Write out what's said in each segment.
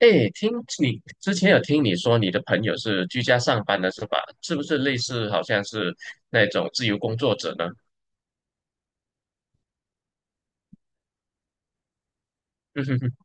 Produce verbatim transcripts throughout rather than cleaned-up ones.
哎，听你之前有听你说你的朋友是居家上班的是吧？是不是类似好像是那种自由工作者呢？嗯哼哼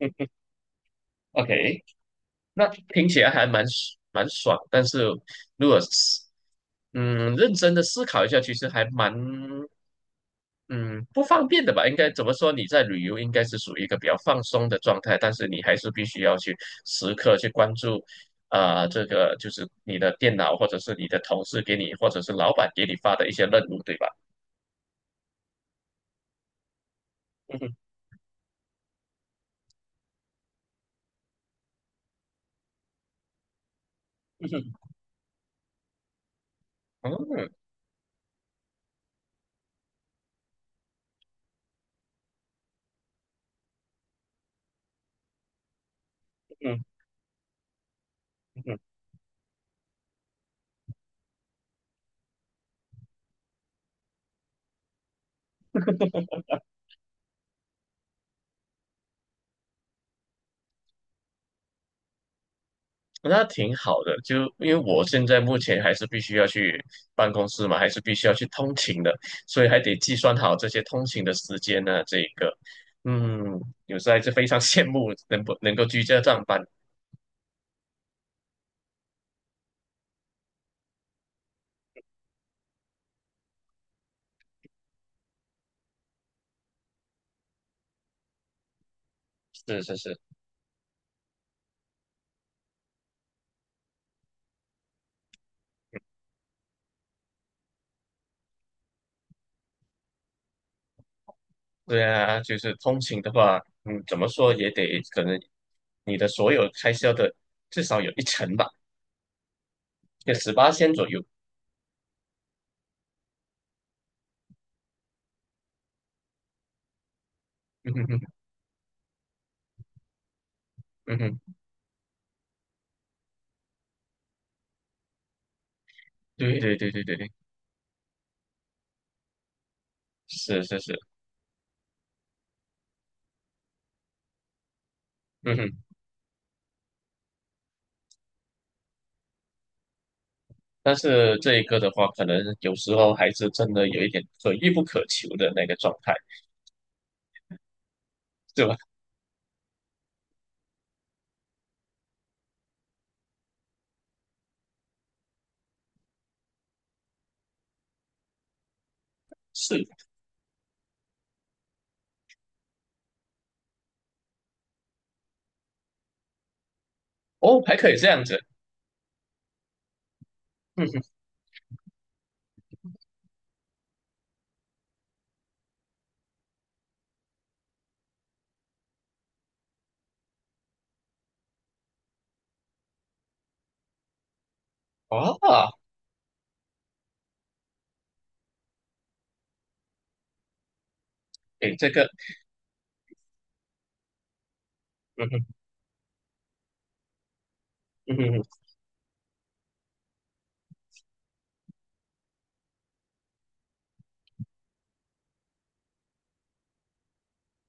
哼。OK。那听起来还蛮蛮爽。但是如果是嗯认真的思考一下，其实还蛮嗯，不方便的吧？应该怎么说？你在旅游应该是属于一个比较放松的状态，但是你还是必须要去时刻去关注，啊，这个就是你的电脑或者是你的同事给你，或者是老板给你发的一些任务，对吧？嗯哼。嗯哼。嗯，嗯。嗯那挺好的，就因为我现在目前还是必须要去办公室嘛，还是必须要去通勤的，所以还得计算好这些通勤的时间呢。这个，嗯，有时候还是非常羡慕能不能够居家上班。是是是。对啊，就是通勤的话，嗯，怎么说也得可能你的所有开销的至少有一成吧，就十八千左右。嗯哼哼。嗯哼。对对对对对对。是是是。嗯哼。但是这一个的话，可能有时候还是真的有一点可遇不可求的那个状态，对吧？是。哦，还可以这样子。嗯哼。哇。诶，这个。嗯哼。嗯哼。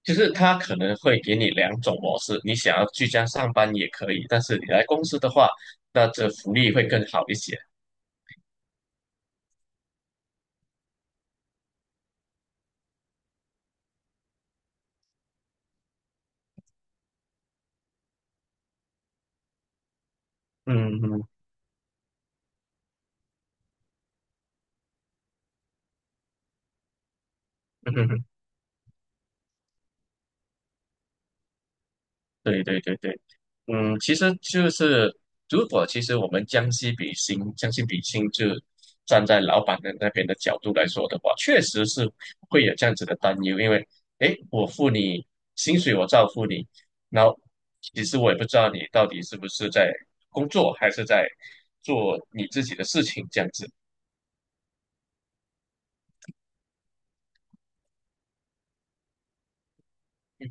就是他可能会给你两种模式，你想要居家上班也可以，但是你来公司的话，那这福利会更好一些。嗯，嗯。嗯哼。对对对对，嗯，其实就是如果其实我们将心比心，将心比心，就站在老板的那边的角度来说的话，确实是会有这样子的担忧。因为诶，我付你薪水，我照付你，然后其实我也不知道你到底是不是在工作，还是在做你自己的事情这样子。嗯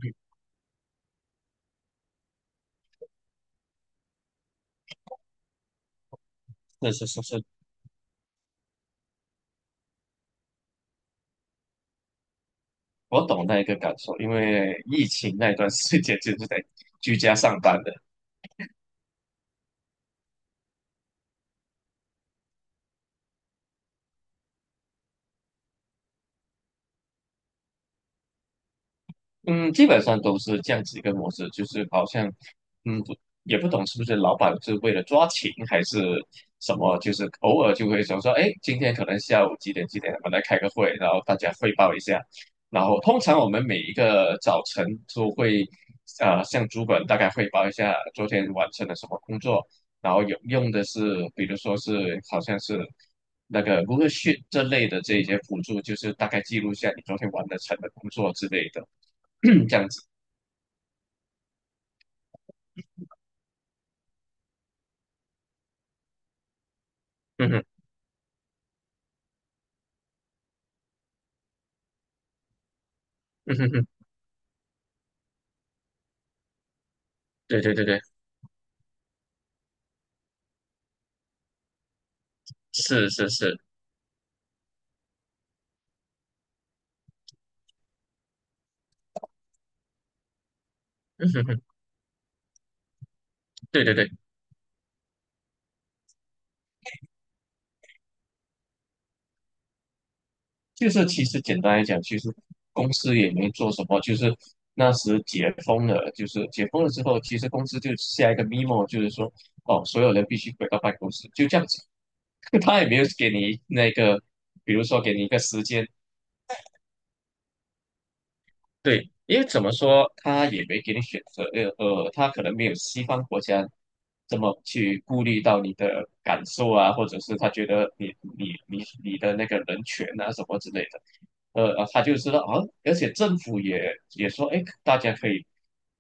哼。是是是是。我懂那一个感受，因为疫情那段时间就是在居家上班的。嗯，基本上都是这样子一个模式，就是好像，嗯，不也不懂是不是老板是为了抓勤还是什么，就是偶尔就会说说，哎，今天可能下午几点几点我们来开个会，然后大家汇报一下。然后通常我们每一个早晨都会，呃，向主管大概汇报一下昨天完成了什么工作，然后有用的是，比如说是好像是那个 Google Sheet 这类的这一些辅助，就是大概记录一下你昨天完的成的工作之类的。这样子。嗯哼。嗯哼哼。对对对对。是是是。嗯哼哼。对对对，就是其实简单来讲，其实公司也没做什么，就是那时解封了，就是解封了之后，其实公司就下一个 memo，就是说哦，所有人必须回到办公室，就这样子。他也没有给你那个，比如说给你一个时间。对，因为怎么说，他也没给你选择，呃呃，他可能没有西方国家这么去顾虑到你的感受啊，或者是他觉得你你你你的那个人权啊什么之类的，呃，呃他就知道啊，而且政府也也说，哎，大家可以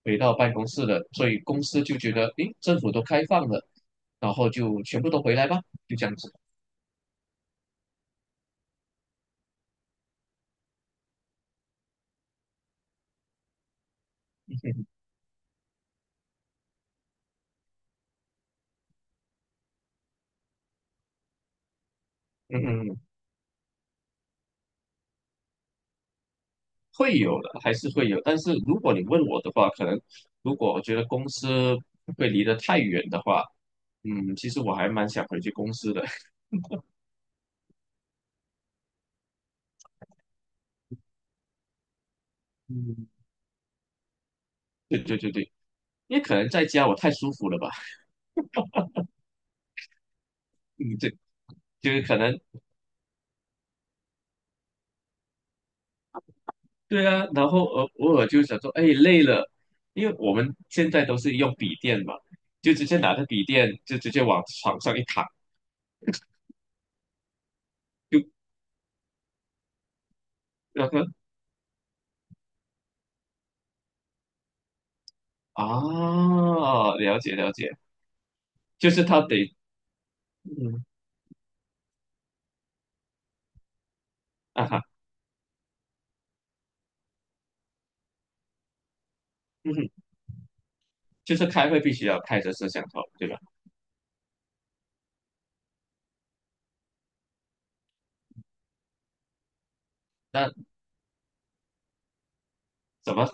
回到办公室了，所以公司就觉得，诶，政府都开放了，然后就全部都回来吧，就这样子。嗯哼。会有的，还是会有。但是如果你问我的话，可能如果我觉得公司会离得太远的话，嗯，其实我还蛮想回去公司的。嗯，对对对对，因为可能在家我太舒服了吧。嗯，对，就是可能对啊。然后偶偶尔就想说，哎，累了，因为我们现在都是用笔电嘛，就直接拿着笔电就直接往床上一躺，就那个啊。了解了解。就是他得嗯。啊哈。嗯。就是开会必须要开着摄像头，对吧？那怎么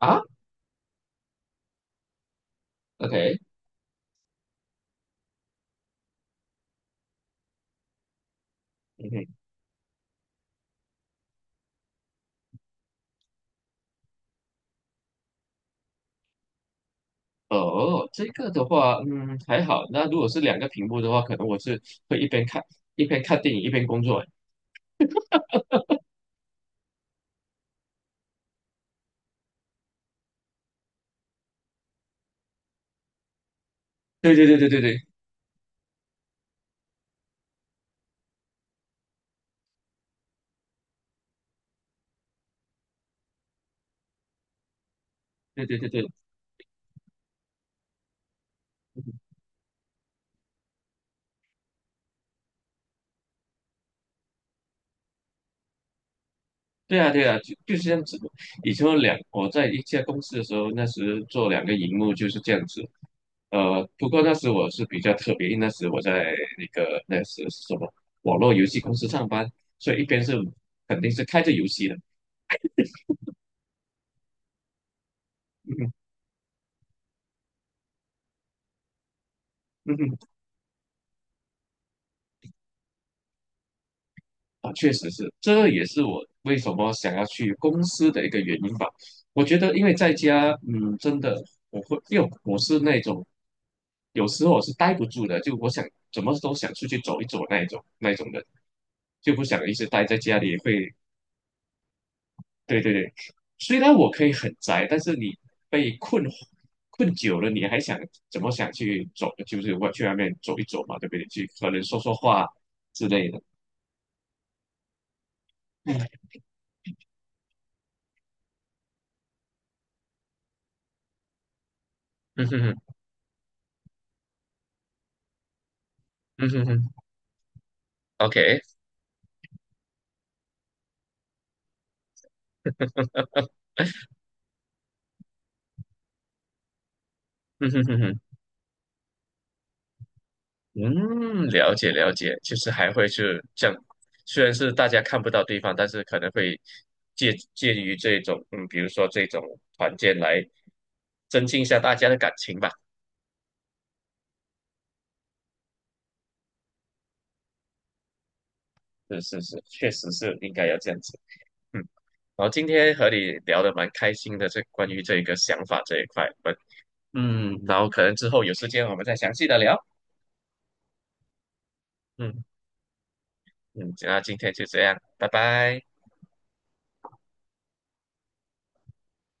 啊？OK。嗯哼。哦，这个的话，嗯，还好。那如果是两个屏幕的话，可能我是会一边看一边看电影一边工作。对对对对对对对对对对。对啊对啊，就就是这样子的。以前有两我在一家公司的时候，那时做两个荧幕就是这样子。呃，不过那时我是比较特别，因为那时我在那个那时是什么网络游戏公司上班，所以一边是肯定是开着游戏的。嗯哼。嗯哼。啊，确实是，这也是我为什么想要去公司的一个原因吧。我觉得，因为在家，嗯，真的。我会，因为我是那种有时候我是待不住的，就我想怎么都想出去走一走那一种那一种人，就不想一直待在家里会。对对对，虽然我可以很宅，但是你被困困久了，你还想怎么想去走，就是外去外面走一走嘛，对不对？去可能说说话之类的。嗯。嗯哼。哼，嗯哼哼。OK。嗯哼哼哼。嗯，了解了解，就是还会是这样，虽然是大家看不到对方，但是可能会借介于这种，嗯，比如说这种团建来增进一下大家的感情吧。是是是，确实是应该要这样子。嗯，然后今天和你聊得蛮开心的，这关于这个想法这一块，我们嗯，然后可能之后有时间我们再详细的聊。嗯嗯。那今天就这样，拜拜。